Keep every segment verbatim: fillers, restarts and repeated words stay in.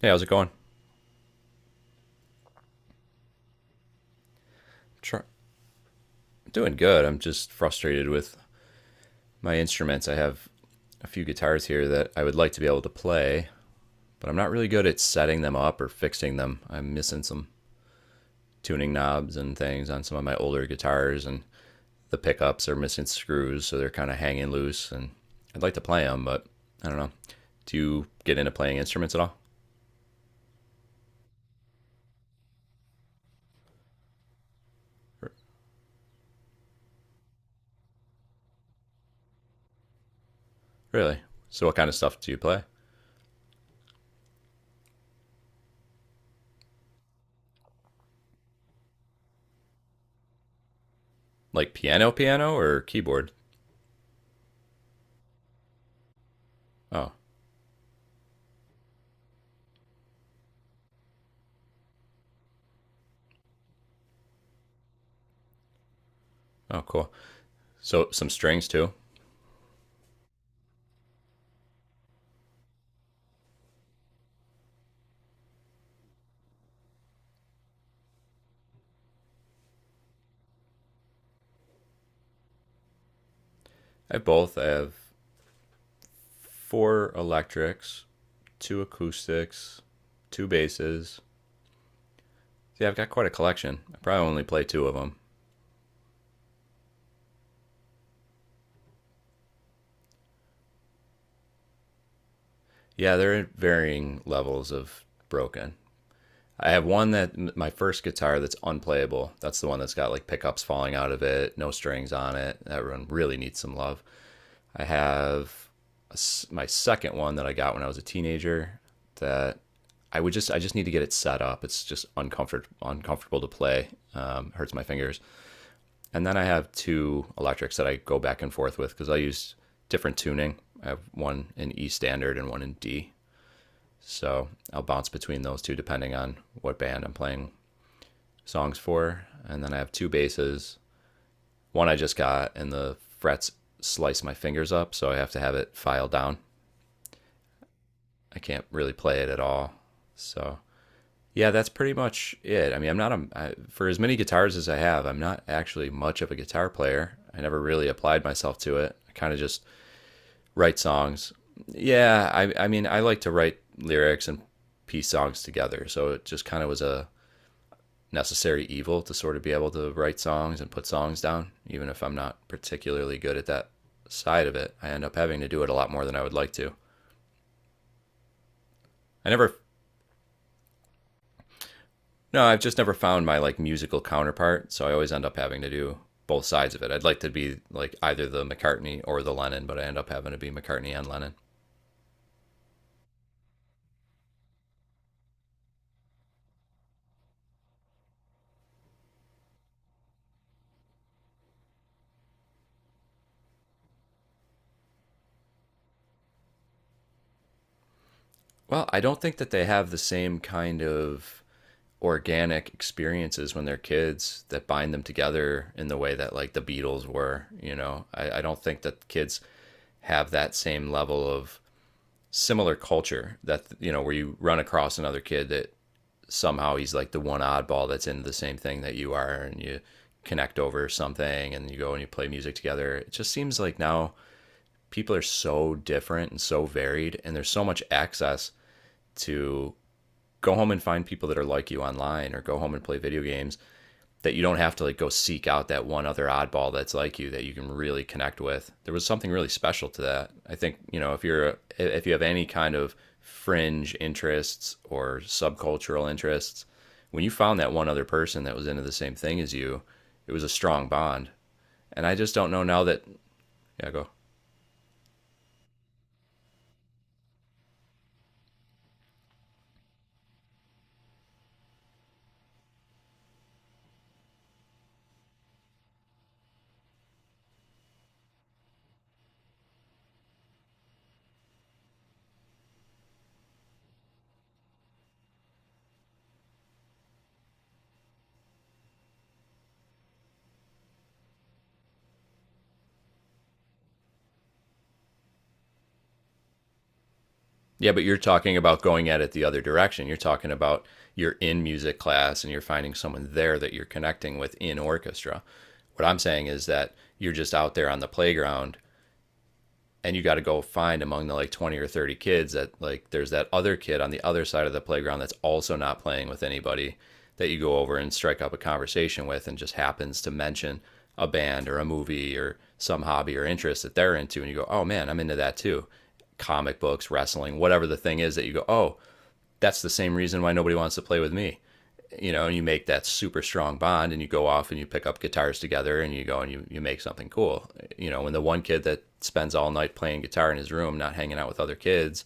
Hey, how's it going? Try- Doing good. I'm just frustrated with my instruments. I have a few guitars here that I would like to be able to play, but I'm not really good at setting them up or fixing them. I'm missing some tuning knobs and things on some of my older guitars, and the pickups are missing screws, so they're kind of hanging loose. And I'd like to play them, but I don't know. Do you get into playing instruments at all? R- Really? So, what kind of stuff do you play? Like piano, piano, or keyboard? Oh, oh, cool. So, some strings too? I have both. I have four electrics, two acoustics, two basses. Yeah, I've got quite a collection. I probably only play two of them. Yeah, they're at varying levels of broken. I have one that my first guitar that's unplayable. That's the one that's got like pickups falling out of it, no strings on it. That one really needs some love. I have a s my second one that I got when I was a teenager that I would just I just need to get it set up. It's just uncomfort uncomfortable to play. Um, hurts my fingers. And then I have two electrics that I go back and forth with because I use different tuning. I have one in E standard and one in D. So I'll bounce between those two depending on what band I'm playing songs for. And then I have two basses. One I just got, and the frets slice my fingers up, so I have to have it filed down. I can't really play it at all. So yeah, that's pretty much it. I mean, I'm not a I, for as many guitars as I have, I'm not actually much of a guitar player. I never really applied myself to it. I kind of just write songs. Yeah, I I mean, I like to write lyrics and piece songs together. So it just kind of was a necessary evil to sort of be able to write songs and put songs down, even if I'm not particularly good at that side of it. I end up having to do it a lot more than I would like to. I never No, I've just never found my like musical counterpart, so I always end up having to do both sides of it. I'd like to be like either the McCartney or the Lennon, but I end up having to be McCartney and Lennon. Well, I don't think that they have the same kind of organic experiences when they're kids that bind them together in the way that like the Beatles were, you know. I, I don't think that kids have that same level of similar culture that you know where you run across another kid that somehow he's like the one oddball that's into the same thing that you are and you connect over something and you go and you play music together. It just seems like now people are so different and so varied and there's so much access to go home and find people that are like you online or go home and play video games that you don't have to like go seek out that one other oddball that's like you that you can really connect with. There was something really special to that. I think, you know, if you're if you have any kind of fringe interests or subcultural interests, when you found that one other person that was into the same thing as you, it was a strong bond. And I just don't know now that yeah, go. Yeah, but you're talking about going at it the other direction. You're talking about You're in music class and you're finding someone there that you're connecting with in orchestra. What I'm saying is that you're just out there on the playground and you got to go find among the like twenty or thirty kids that like there's that other kid on the other side of the playground that's also not playing with anybody that you go over and strike up a conversation with and just happens to mention a band or a movie or some hobby or interest that they're into, and you go, oh man, I'm into that too, comic books, wrestling, whatever the thing is that you go, oh, that's the same reason why nobody wants to play with me. You know, you make that super strong bond and you go off and you pick up guitars together and you go and you, you make something cool. You know, when the one kid that spends all night playing guitar in his room, not hanging out with other kids,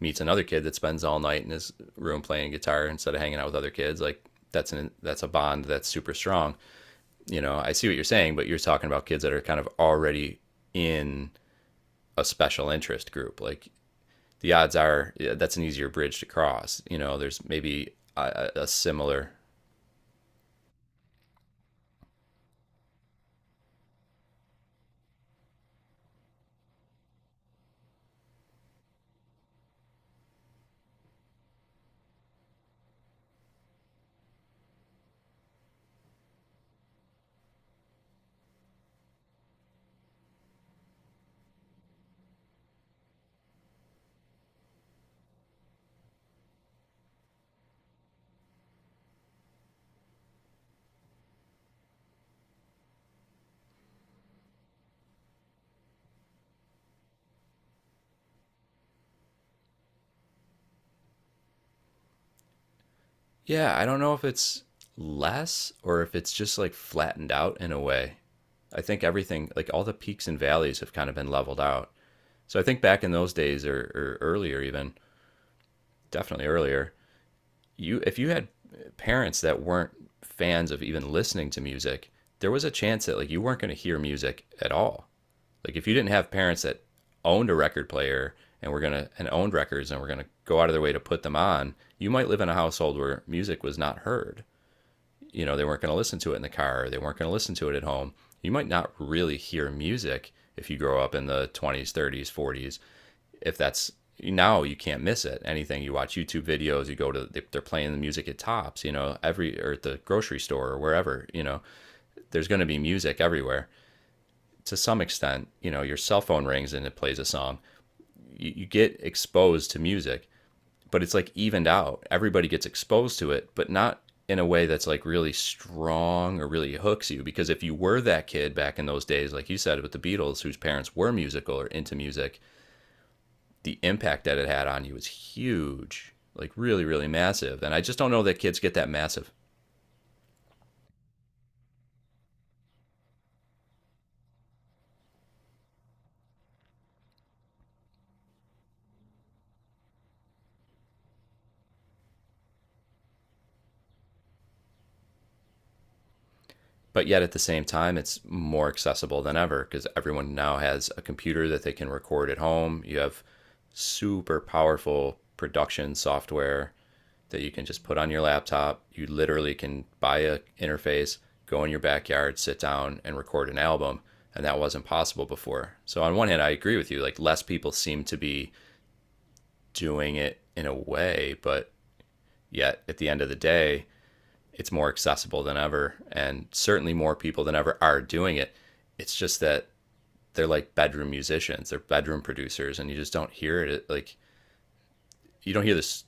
meets another kid that spends all night in his room playing guitar instead of hanging out with other kids, like that's an that's a bond that's super strong. You know, I see what you're saying, but you're talking about kids that are kind of already in a special interest group. Like the odds are yeah, that's an easier bridge to cross. You know, there's maybe a, a similar yeah, I don't know if it's less or if it's just like flattened out in a way. I think everything, like all the peaks and valleys, have kind of been leveled out. So I think back in those days, or, or earlier even, definitely earlier, you if you had parents that weren't fans of even listening to music, there was a chance that like you weren't going to hear music at all. Like if you didn't have parents that owned a record player and were gonna and owned records and were gonna go out of their way to put them on, you might live in a household where music was not heard, you know, they weren't going to listen to it in the car, or they weren't going to listen to it at home. You might not really hear music if you grow up in the twenties, thirties, forties. If that's now, you can't miss it. Anything you watch YouTube videos, you go to they- are playing the music at tops, you know, every or at the grocery store or wherever, you know. There's going to be music everywhere. To some extent, you know, your cell phone rings and it plays a song. You, you get exposed to music but it's like evened out. Everybody gets exposed to it, but not in a way that's like really strong or really hooks you. Because if you were that kid back in those days, like you said with the Beatles, whose parents were musical or into music, the impact that it had on you was huge, like really, really massive. And I just don't know that kids get that massive. But yet at the same time, it's more accessible than ever because everyone now has a computer that they can record at home. You have super powerful production software that you can just put on your laptop. You literally can buy a interface, go in your backyard, sit down and record an album, and that wasn't possible before. So on one hand, I agree with you, like less people seem to be doing it in a way, but yet at the end of the day, it's more accessible than ever and certainly more people than ever are doing it. It's just that they're like bedroom musicians, they're bedroom producers and you just don't hear it like you don't hear this.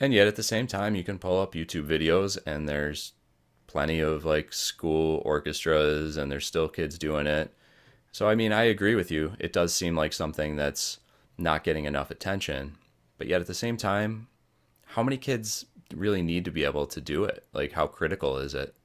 And yet at the same time, you can pull up YouTube videos and there's plenty of like school orchestras and there's still kids doing it. So I mean, I agree with you. It does seem like something that's not getting enough attention. But yet at the same time, how many kids really need to be able to do it? Like how critical is it?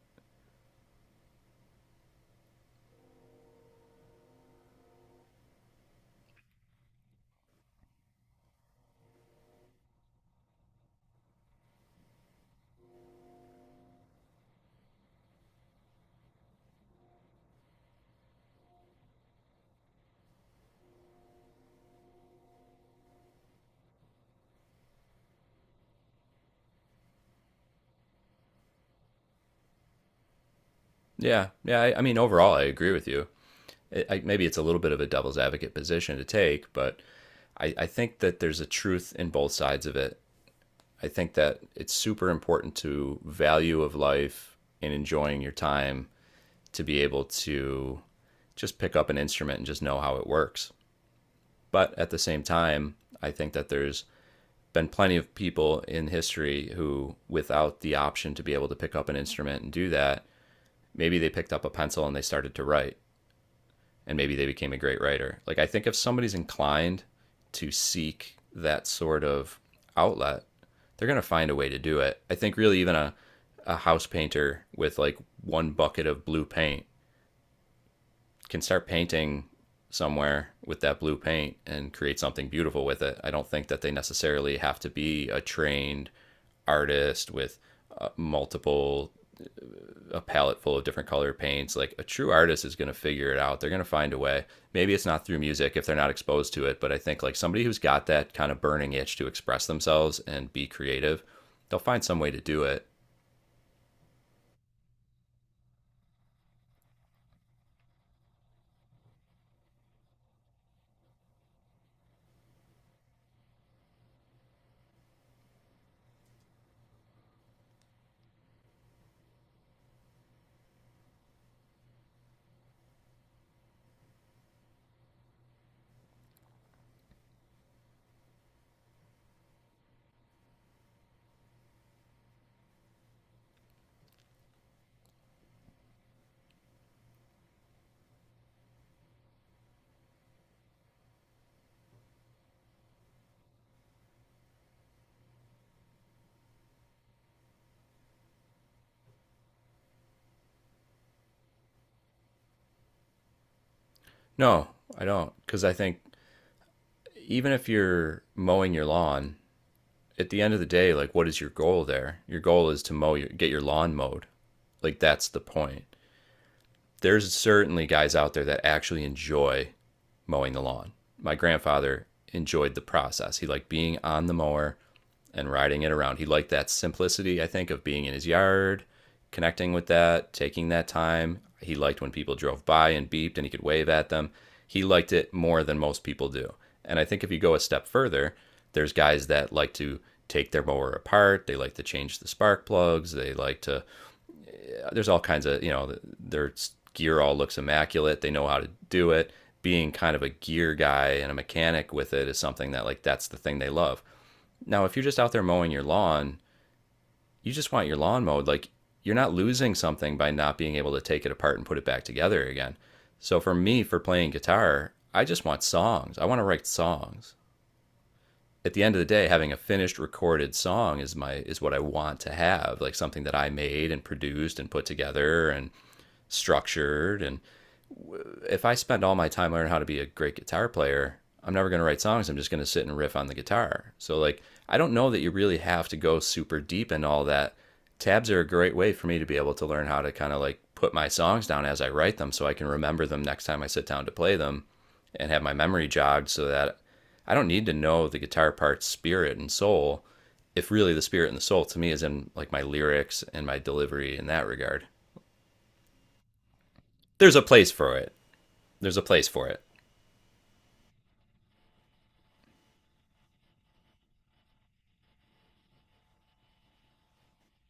Yeah. Yeah, I, I mean overall I agree with you. It, I, maybe it's a little bit of a devil's advocate position to take, but I, I think that there's a truth in both sides of it. I think that it's super important to value of life and enjoying your time to be able to just pick up an instrument and just know how it works. But at the same time, I think that there's been plenty of people in history who, without the option to be able to pick up an instrument and do that, maybe they picked up a pencil and they started to write and maybe they became a great writer. Like I think if somebody's inclined to seek that sort of outlet, they're gonna find a way to do it. I think really even a a house painter with like one bucket of blue paint can start painting somewhere with that blue paint and create something beautiful with it. I don't think that they necessarily have to be a trained artist with uh, multiple a palette full of different color paints. Like a true artist is going to figure it out. They're going to find a way. Maybe it's not through music if they're not exposed to it, but I think like somebody who's got that kind of burning itch to express themselves and be creative, they'll find some way to do it. No, I don't. Because I think even if you're mowing your lawn, at the end of the day, like what is your goal there? Your goal is to mow your, get your lawn mowed. Like that's the point. There's certainly guys out there that actually enjoy mowing the lawn. My grandfather enjoyed the process. He liked being on the mower and riding it around. He liked that simplicity, I think, of being in his yard, connecting with that, taking that time. He liked when people drove by and beeped and he could wave at them. He liked it more than most people do. And I think if you go a step further, there's guys that like to take their mower apart. They like to change the spark plugs. They like to there's all kinds of you know their gear all looks immaculate. They know how to do it. Being kind of a gear guy and a mechanic with it is something that like that's the thing they love. Now, if you're just out there mowing your lawn, you just want your lawn mowed. Like you're not losing something by not being able to take it apart and put it back together again. So for me, for playing guitar, I just want songs. I want to write songs. At the end of the day, having a finished recorded song is my is what I want to have, like something that I made and produced and put together and structured. And if I spend all my time learning how to be a great guitar player, I'm never going to write songs. I'm just going to sit and riff on the guitar. So, like, I don't know that you really have to go super deep in all that. Tabs are a great way for me to be able to learn how to kind of like put my songs down as I write them so I can remember them next time I sit down to play them and have my memory jogged so that I don't need to know the guitar part's spirit and soul if really the spirit and the soul to me is in like my lyrics and my delivery in that regard. There's a place for it. There's a place for it.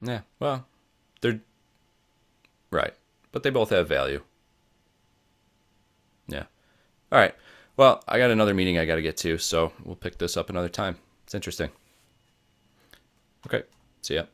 Yeah. Well, they're right, but they both have value. Yeah. All right. Well, I got another meeting I got to get to, so we'll pick this up another time. It's interesting. Okay. See ya.